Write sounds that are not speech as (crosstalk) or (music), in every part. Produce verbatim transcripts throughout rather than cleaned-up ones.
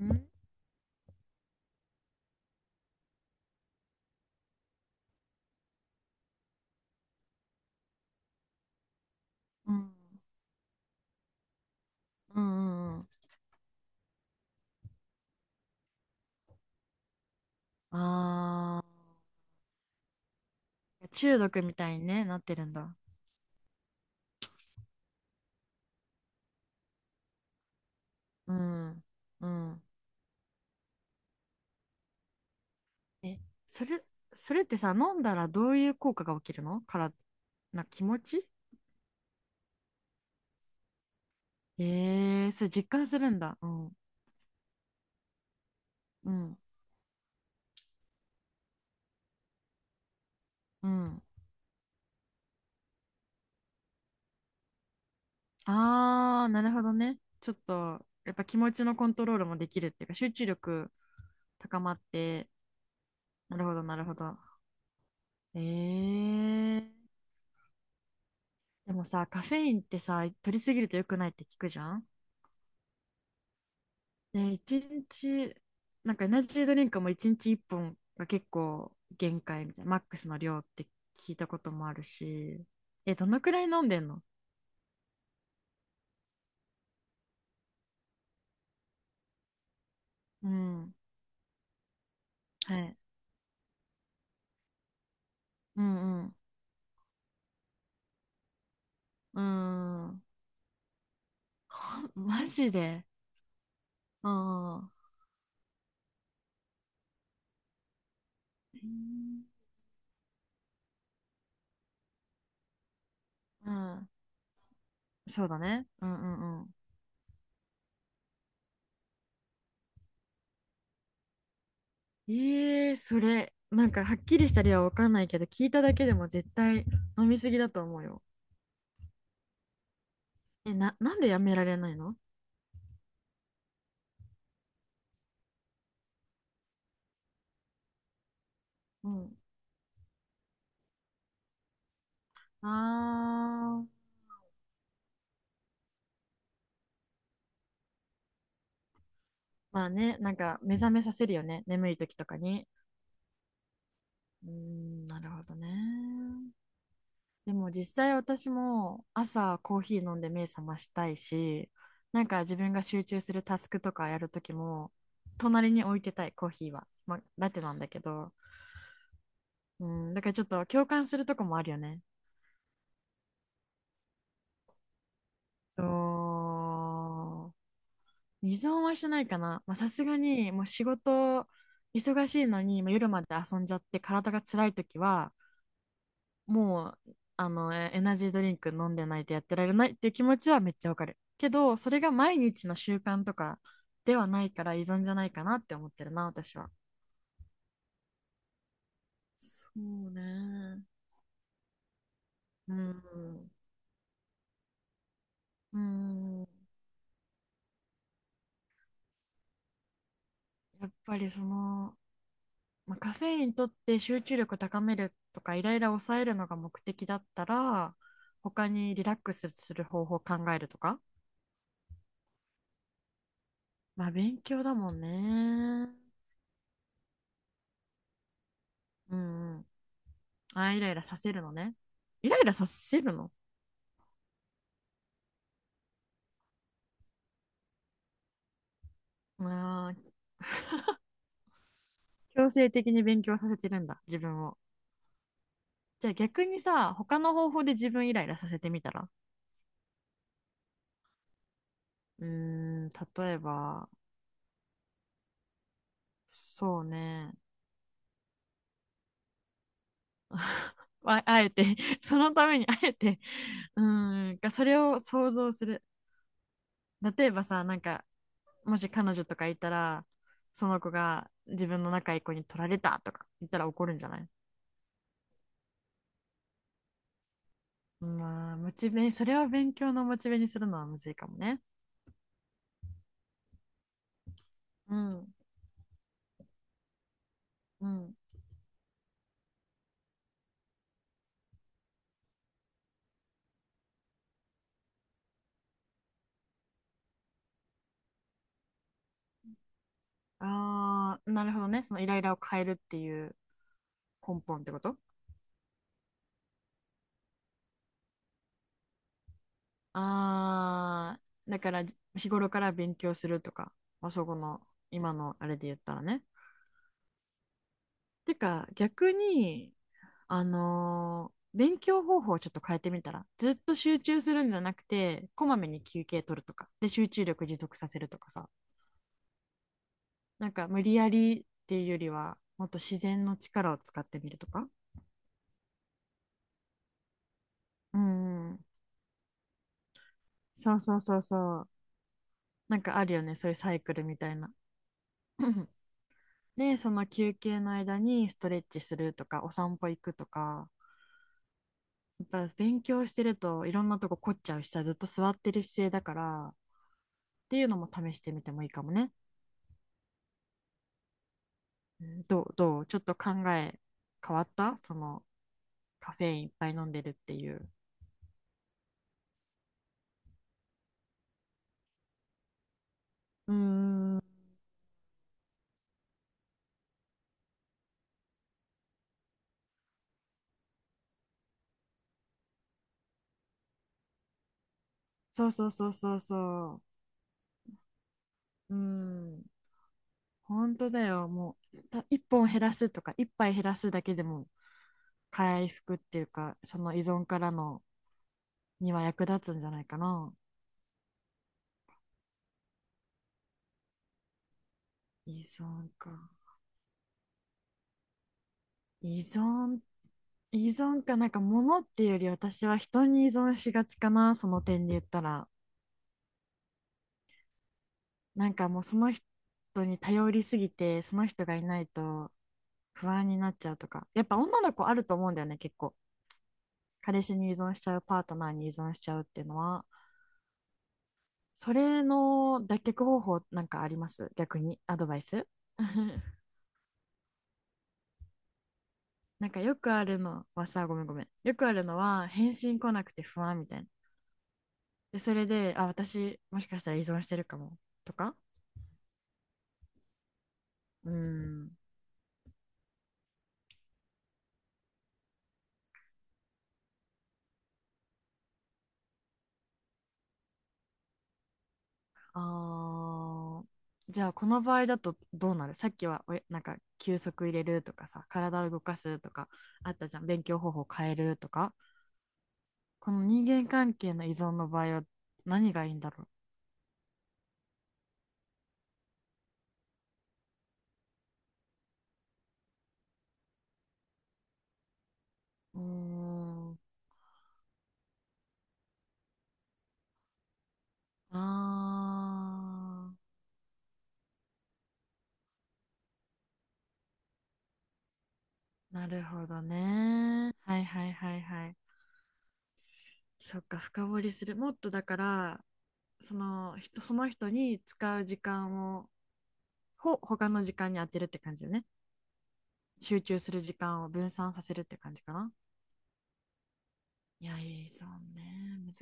うん、うん、うん、うんうん。ああ、中毒みたいにね、なってるんだ。うん、うん。え、それ、それってさ、飲んだらどういう効果が起きるのから、な、気持ちええー、それ実感するんだ。うん、うん、うん。ああ、なるほどね。ちょっと、やっぱ気持ちのコントロールもできるっていうか、集中力高まって、なるほど、なるほど。ええー。でもさ、カフェインってさ、取りすぎると良くないって聞くじゃん。ね、一日、なんかエナジードリンクもいちにちいっぽんが結構限界みたいな、マックスの量って聞いたこともあるし、え、どのくらい飲んでんの？うん、はい。うんうん。うん。あマジで。うん。うん。うん。そうだね。うんうんうん。ええそれ、なんかはっきりした理由はわかんないけど、聞いただけでも絶対飲みすぎだと思うよ。え、な、なんでやめられないの？うん。あー、まあね、なんか目覚めさせるよね、眠い時とかに。うーん、なるほどね。でも実際私も朝コーヒー飲んで目覚ましたいし、なんか自分が集中するタスクとかやる時も、隣に置いてたい、コーヒーは。まあ、ラテなんだけど、うん、だからちょっと共感するとこもあるよね。そう、依存はしてないかな。まあさすがにもう仕事忙しいのに、まあ夜まで遊んじゃって体が辛い時は、もう、あの、エナジードリンク飲んでないとやってられないっていう気持ちはめっちゃわかる。けど、それが毎日の習慣とかではないから依存じゃないかなって思ってるな、私は。そうね。うん。うん。やっぱりその、まあ、カフェインとって集中力高めるとかイライラ抑えるのが目的だったら、他にリラックスする方法を考えるとか。まあ勉強だもんね。うんうん。あ、イライラさせるのね。イライラさせるの？あ、強制的に勉強させてるんだ、自分を。じゃあ逆にさ、他の方法で自分イライラさせてみたら？うーん、例えば、そうね。(laughs) あ、あえて、そのためにあえて、うーん、がそれを想像する。例えばさ、なんか、もし彼女とかいたら、その子が自分の仲いい子に取られたとか言ったら怒るんじゃない？まあ、モチベ、それを勉強のモチベにするのはむずいかもね。うん。うん。ああ、なるほどね。そのイライラを変えるっていう根本ってこと？ああ、だから、じ、日頃から勉強するとか、まあ、そこの今のあれで言ったらね。てか逆に、あのー勉強方法をちょっと変えてみたら、ずっと集中するんじゃなくて、こまめに休憩取るとか、で集中力持続させるとかさ、なんか無理やりっていうよりは、もっと自然の力を使ってみるとか。うんうん、そうそうそうそう。なんかあるよね、そういうサイクルみたいな。(laughs) で、その休憩の間にストレッチするとか、お散歩行くとか、やっぱ勉強してるといろんなとこ凝っちゃうしさ、ずっと座ってる姿勢だから、っていうのも試してみてもいいかもね。うん、どう、どうちょっと考え変わった？そのカフェインいっぱい飲んでるっていう。うーん、そうそうそうそうそう。うーん。本当だよ。もう、た、一本減らすとか、いっぱい減らすだけでも、回復っていうか、その依存からの、には役立つんじゃないかな。依存か。依存、依存か、なんか物っていうより私は人に依存しがちかな、その点で言ったら。なんかもうその人に頼りすぎて、その人がいないと不安になっちゃうとか。やっぱ女の子あると思うんだよね、結構。彼氏に依存しちゃう、パートナーに依存しちゃうっていうのは。それの脱却方法なんかあります？逆にアドバイス。 (laughs) なんかよくあるのはさ、ごめんごめん。よくあるのは返信来なくて不安みたいな。で、それで、あ、私もしかしたら依存してるかもとか。うーん。あー、じゃあこの場合だとどうなる？さっきはおやなんか休息入れるとかさ、体を動かすとかあったじゃん。勉強方法変えるとか。この人間関係の依存の場合は何がいいんだろう。うーん、あー、なるほどね。はいはいはいはい。そっか、深掘りする。もっとだから、その人、その人に使う時間を、ほ、他の時間に当てるって感じよね。集中する時間を分散させるって感じかな。いや、依存ね。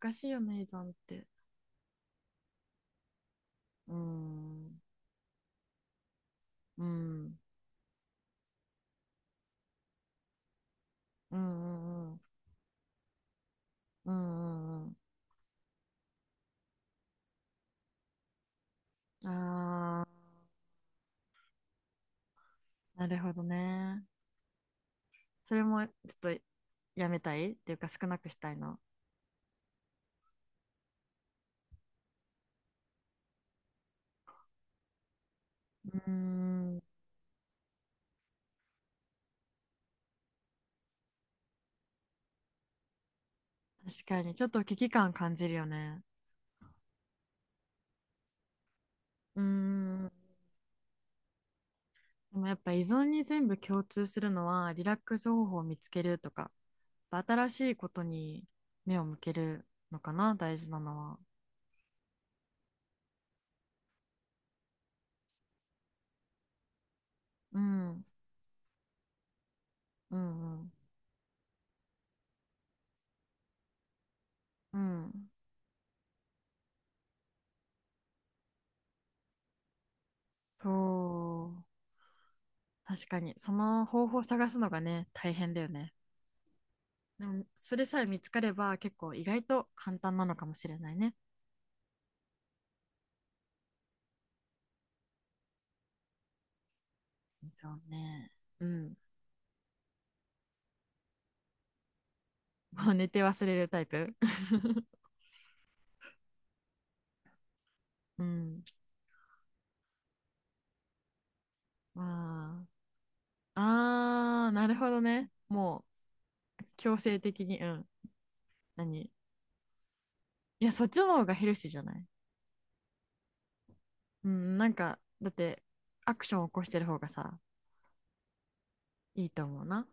難しいよね、依存って。うーん。うん。うんうんうん。うんうんうん。ああ、なるほどね。それもちょっとやめたいっていうか少なくしたいの？うん、確かに、ちょっと危機感感じるよね。うん、でもやっぱ依存に全部共通するのは、リラックス方法を見つけるとか、やっぱ新しいことに目を向けるのかな、大事なのは。うん、うん、うん、うん。そう、確かに、その方法を探すのがね、大変だよね。でも、それさえ見つかれば、結構意外と簡単なのかもしれないね。そうね。うん。もう寝て忘れるタイプ。(laughs) うん。まあ。あー、なるほどね。もう強制的に、うん。何？いや、そっちの方がヘルシーじゃない？うん、なんか、だって、アクション起こしてる方がさ、いいと思うな。